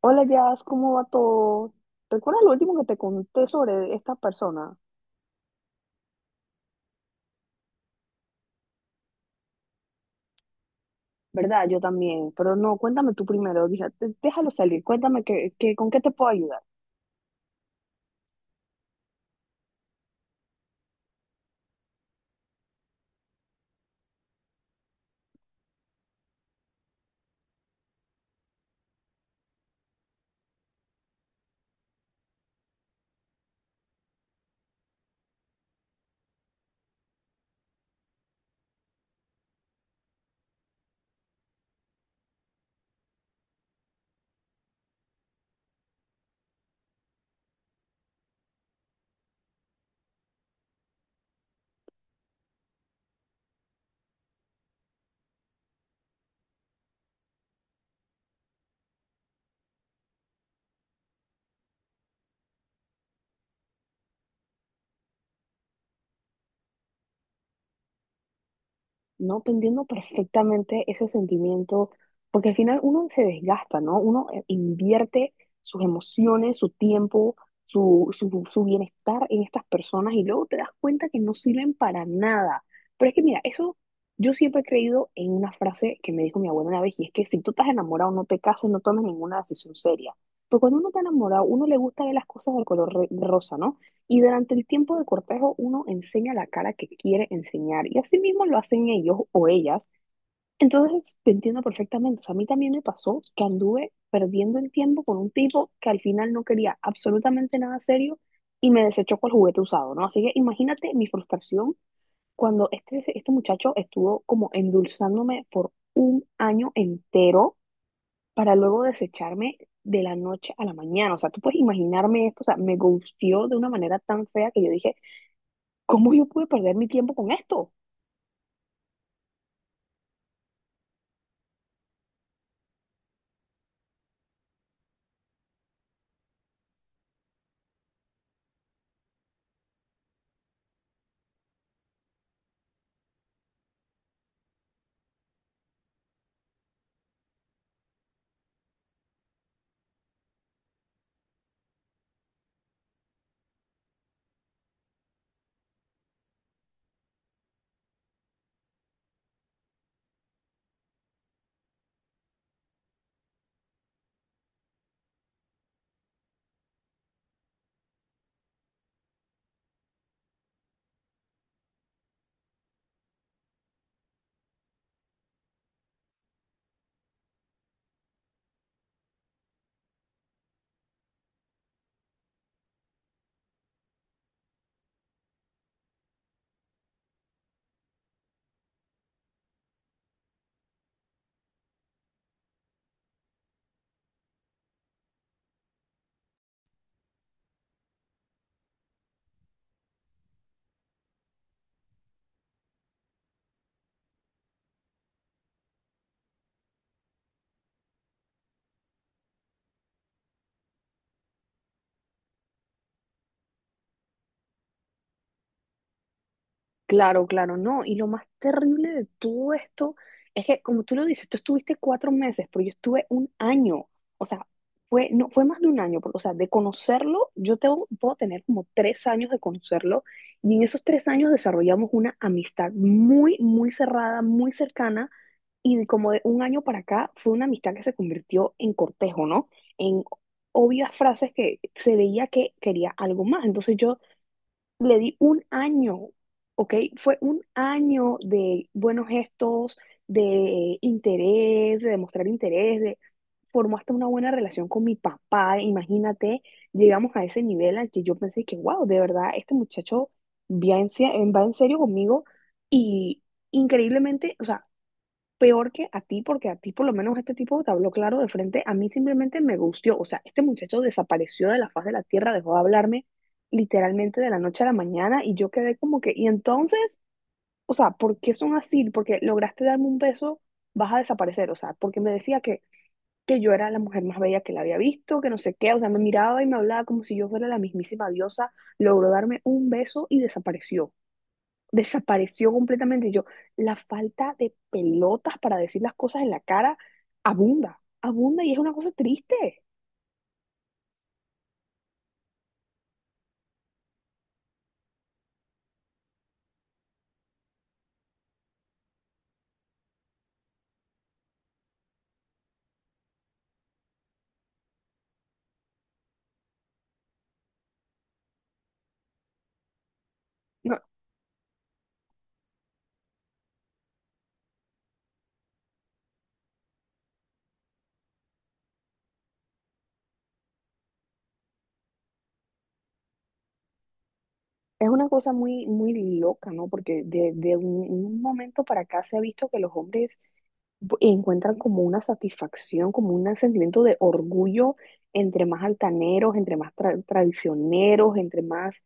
Hola, Jazz, ¿cómo va todo? ¿Recuerdas lo último que te conté sobre esta persona? ¿Verdad? Yo también, pero no, cuéntame tú primero, déjalo salir, cuéntame que, con qué te puedo ayudar. No, te entiendo perfectamente ese sentimiento, porque al final uno se desgasta, ¿no? Uno invierte sus emociones, su tiempo, su bienestar en estas personas y luego te das cuenta que no sirven para nada. Pero es que mira, eso yo siempre he creído en una frase que me dijo mi abuela una vez y es que si tú estás enamorado, no te cases, no tomes ninguna decisión seria. Pero cuando uno está enamorado, uno le gusta ver las cosas del color rosa, ¿no? Y durante el tiempo de cortejo uno enseña la cara que quiere enseñar y así mismo lo hacen ellos o ellas. Entonces te entiendo perfectamente. O sea, a mí también me pasó que anduve perdiendo el tiempo con un tipo que al final no quería absolutamente nada serio y me desechó con el juguete usado, ¿no? Así que imagínate mi frustración cuando este muchacho estuvo como endulzándome por un año entero para luego desecharme de la noche a la mañana. O sea, tú puedes imaginarme esto, o sea, me gustió de una manera tan fea que yo dije, ¿cómo yo pude perder mi tiempo con esto? Claro, claro, no. Y lo más terrible de todo esto es que, como tú lo dices, tú estuviste 4 meses, pero yo estuve un año. O sea, fue, no, fue más de un año, porque, o sea, de conocerlo, yo tengo, puedo tener como 3 años de conocerlo. Y en esos 3 años desarrollamos una amistad muy, muy cerrada, muy cercana. Y de como de un año para acá fue una amistad que se convirtió en cortejo, ¿no? En obvias frases que se veía que quería algo más. Entonces yo le di un año, ¿ok? Fue un año de buenos gestos, de interés, de mostrar interés, de formó hasta una buena relación con mi papá, imagínate, llegamos a ese nivel al que yo pensé que, wow, de verdad, este muchacho va en, se- va en serio conmigo y increíblemente, o sea, peor que a ti, porque a ti por lo menos este tipo te habló claro de frente, a mí simplemente me gustió, o sea, este muchacho desapareció de la faz de la tierra, dejó de hablarme literalmente de la noche a la mañana y yo quedé como que, y entonces, o sea, ¿por qué son así? Porque lograste darme un beso, vas a desaparecer, o sea, porque me decía que yo era la mujer más bella que la había visto, que no sé qué, o sea, me miraba y me hablaba como si yo fuera la mismísima diosa, logró darme un beso y desapareció completamente. Yo, la falta de pelotas para decir las cosas en la cara abunda, abunda y es una cosa triste. No, es una cosa muy, muy loca, ¿no? Porque de un momento para acá se ha visto que los hombres encuentran como una satisfacción, como un sentimiento de orgullo entre más altaneros, entre más traicioneros, entre más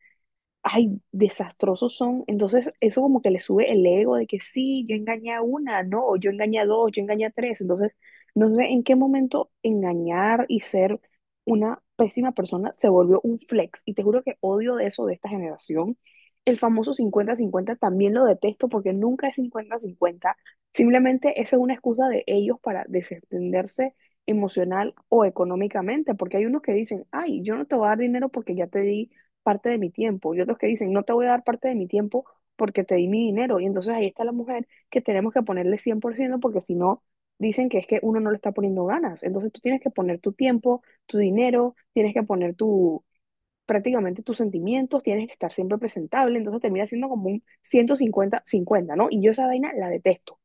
ay, desastrosos son. Entonces, eso como que le sube el ego de que sí, yo engañé a una, no, o yo engañé a dos, yo engañé a tres. Entonces, no sé en qué momento engañar y ser una pésima persona se volvió un flex. Y te juro que odio de eso de esta generación. El famoso 50-50 también lo detesto porque nunca es 50-50. Simplemente esa es una excusa de ellos para desentenderse emocional o económicamente, porque hay unos que dicen, ay, yo no te voy a dar dinero porque ya te di parte de mi tiempo y otros que dicen, no te voy a dar parte de mi tiempo porque te di mi dinero. Y entonces ahí está la mujer que tenemos que ponerle 100% porque si no, dicen que es que uno no le está poniendo ganas. Entonces tú tienes que poner tu tiempo, tu dinero, tienes que poner tu prácticamente tus sentimientos, tienes que estar siempre presentable, entonces termina siendo como un ciento cincuenta cincuenta, ¿no? Y yo esa vaina la detesto.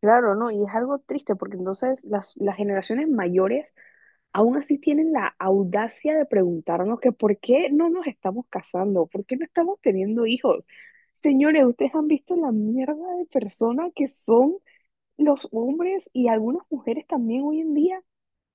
Claro, ¿no? Y es algo triste porque entonces las generaciones mayores aún así tienen la audacia de preguntarnos que por qué no nos estamos casando, por qué no estamos teniendo hijos. Señores, ustedes han visto la mierda de personas que son los hombres y algunas mujeres también hoy en día,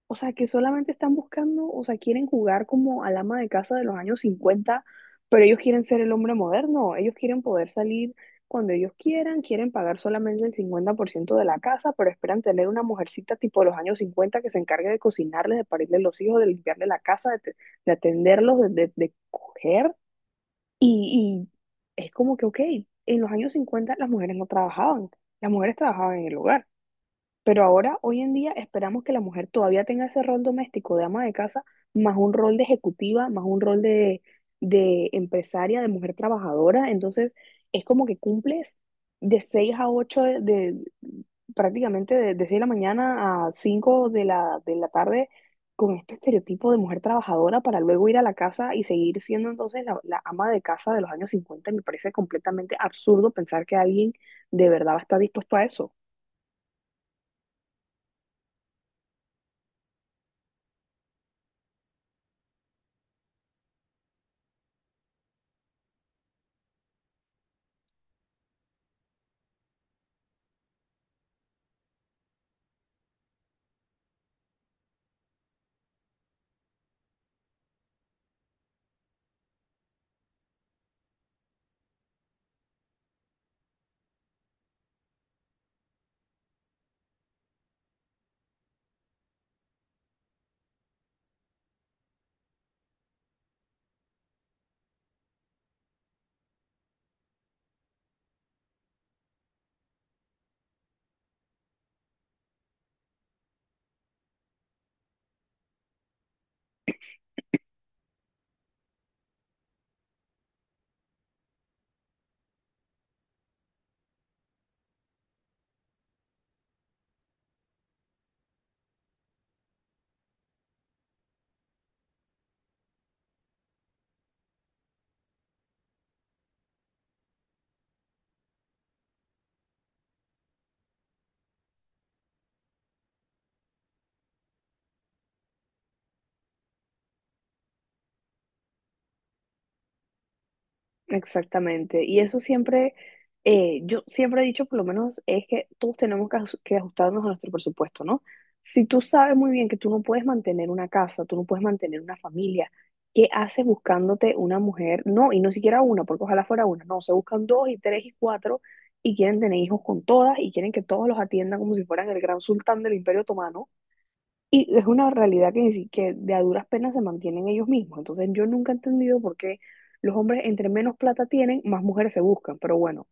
o sea, que solamente están buscando, o sea, quieren jugar como al ama de casa de los años 50, pero ellos quieren ser el hombre moderno, ellos quieren poder salir cuando ellos quieran, quieren pagar solamente el 50% de la casa, pero esperan tener una mujercita tipo de los años 50 que se encargue de cocinarles, de parirles los hijos, de limpiarle la casa, de atenderlos, de coger. Y, y es como que, ok, en los años 50 las mujeres no trabajaban, las mujeres trabajaban en el hogar. Pero ahora, hoy en día, esperamos que la mujer todavía tenga ese rol doméstico de ama de casa, más un rol de ejecutiva, más un rol de empresaria, de mujer trabajadora. Entonces, es como que cumples de 6 a 8 prácticamente de 6 de la mañana a 5 de la tarde con este estereotipo de mujer trabajadora para luego ir a la casa y seguir siendo entonces la ama de casa de los años cincuenta. Me parece completamente absurdo pensar que alguien de verdad va a estar dispuesto a eso. Exactamente. Y eso siempre, yo siempre he dicho, por lo menos, es que todos tenemos que, que ajustarnos a nuestro presupuesto, ¿no? Si tú sabes muy bien que tú no puedes mantener una casa, tú no puedes mantener una familia, ¿qué haces buscándote una mujer? No, y no siquiera una, porque ojalá fuera una, no, se buscan dos y tres y cuatro y quieren tener hijos con todas y quieren que todos los atiendan como si fueran el gran sultán del Imperio Otomano. Y es una realidad que, ni si- que de a duras penas se mantienen ellos mismos. Entonces yo nunca he entendido por qué los hombres entre menos plata tienen, más mujeres se buscan. Pero bueno,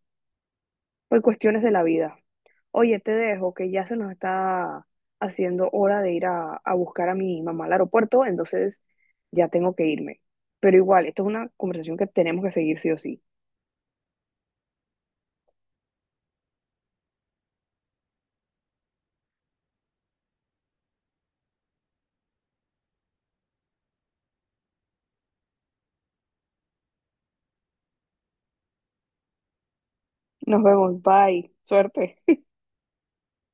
por cuestiones de la vida. Oye, te dejo, que ya se nos está haciendo hora de ir a buscar a mi mamá al aeropuerto, entonces ya tengo que irme. Pero igual, esto es una conversación que tenemos que seguir sí o sí. Nos vemos, bye, suerte.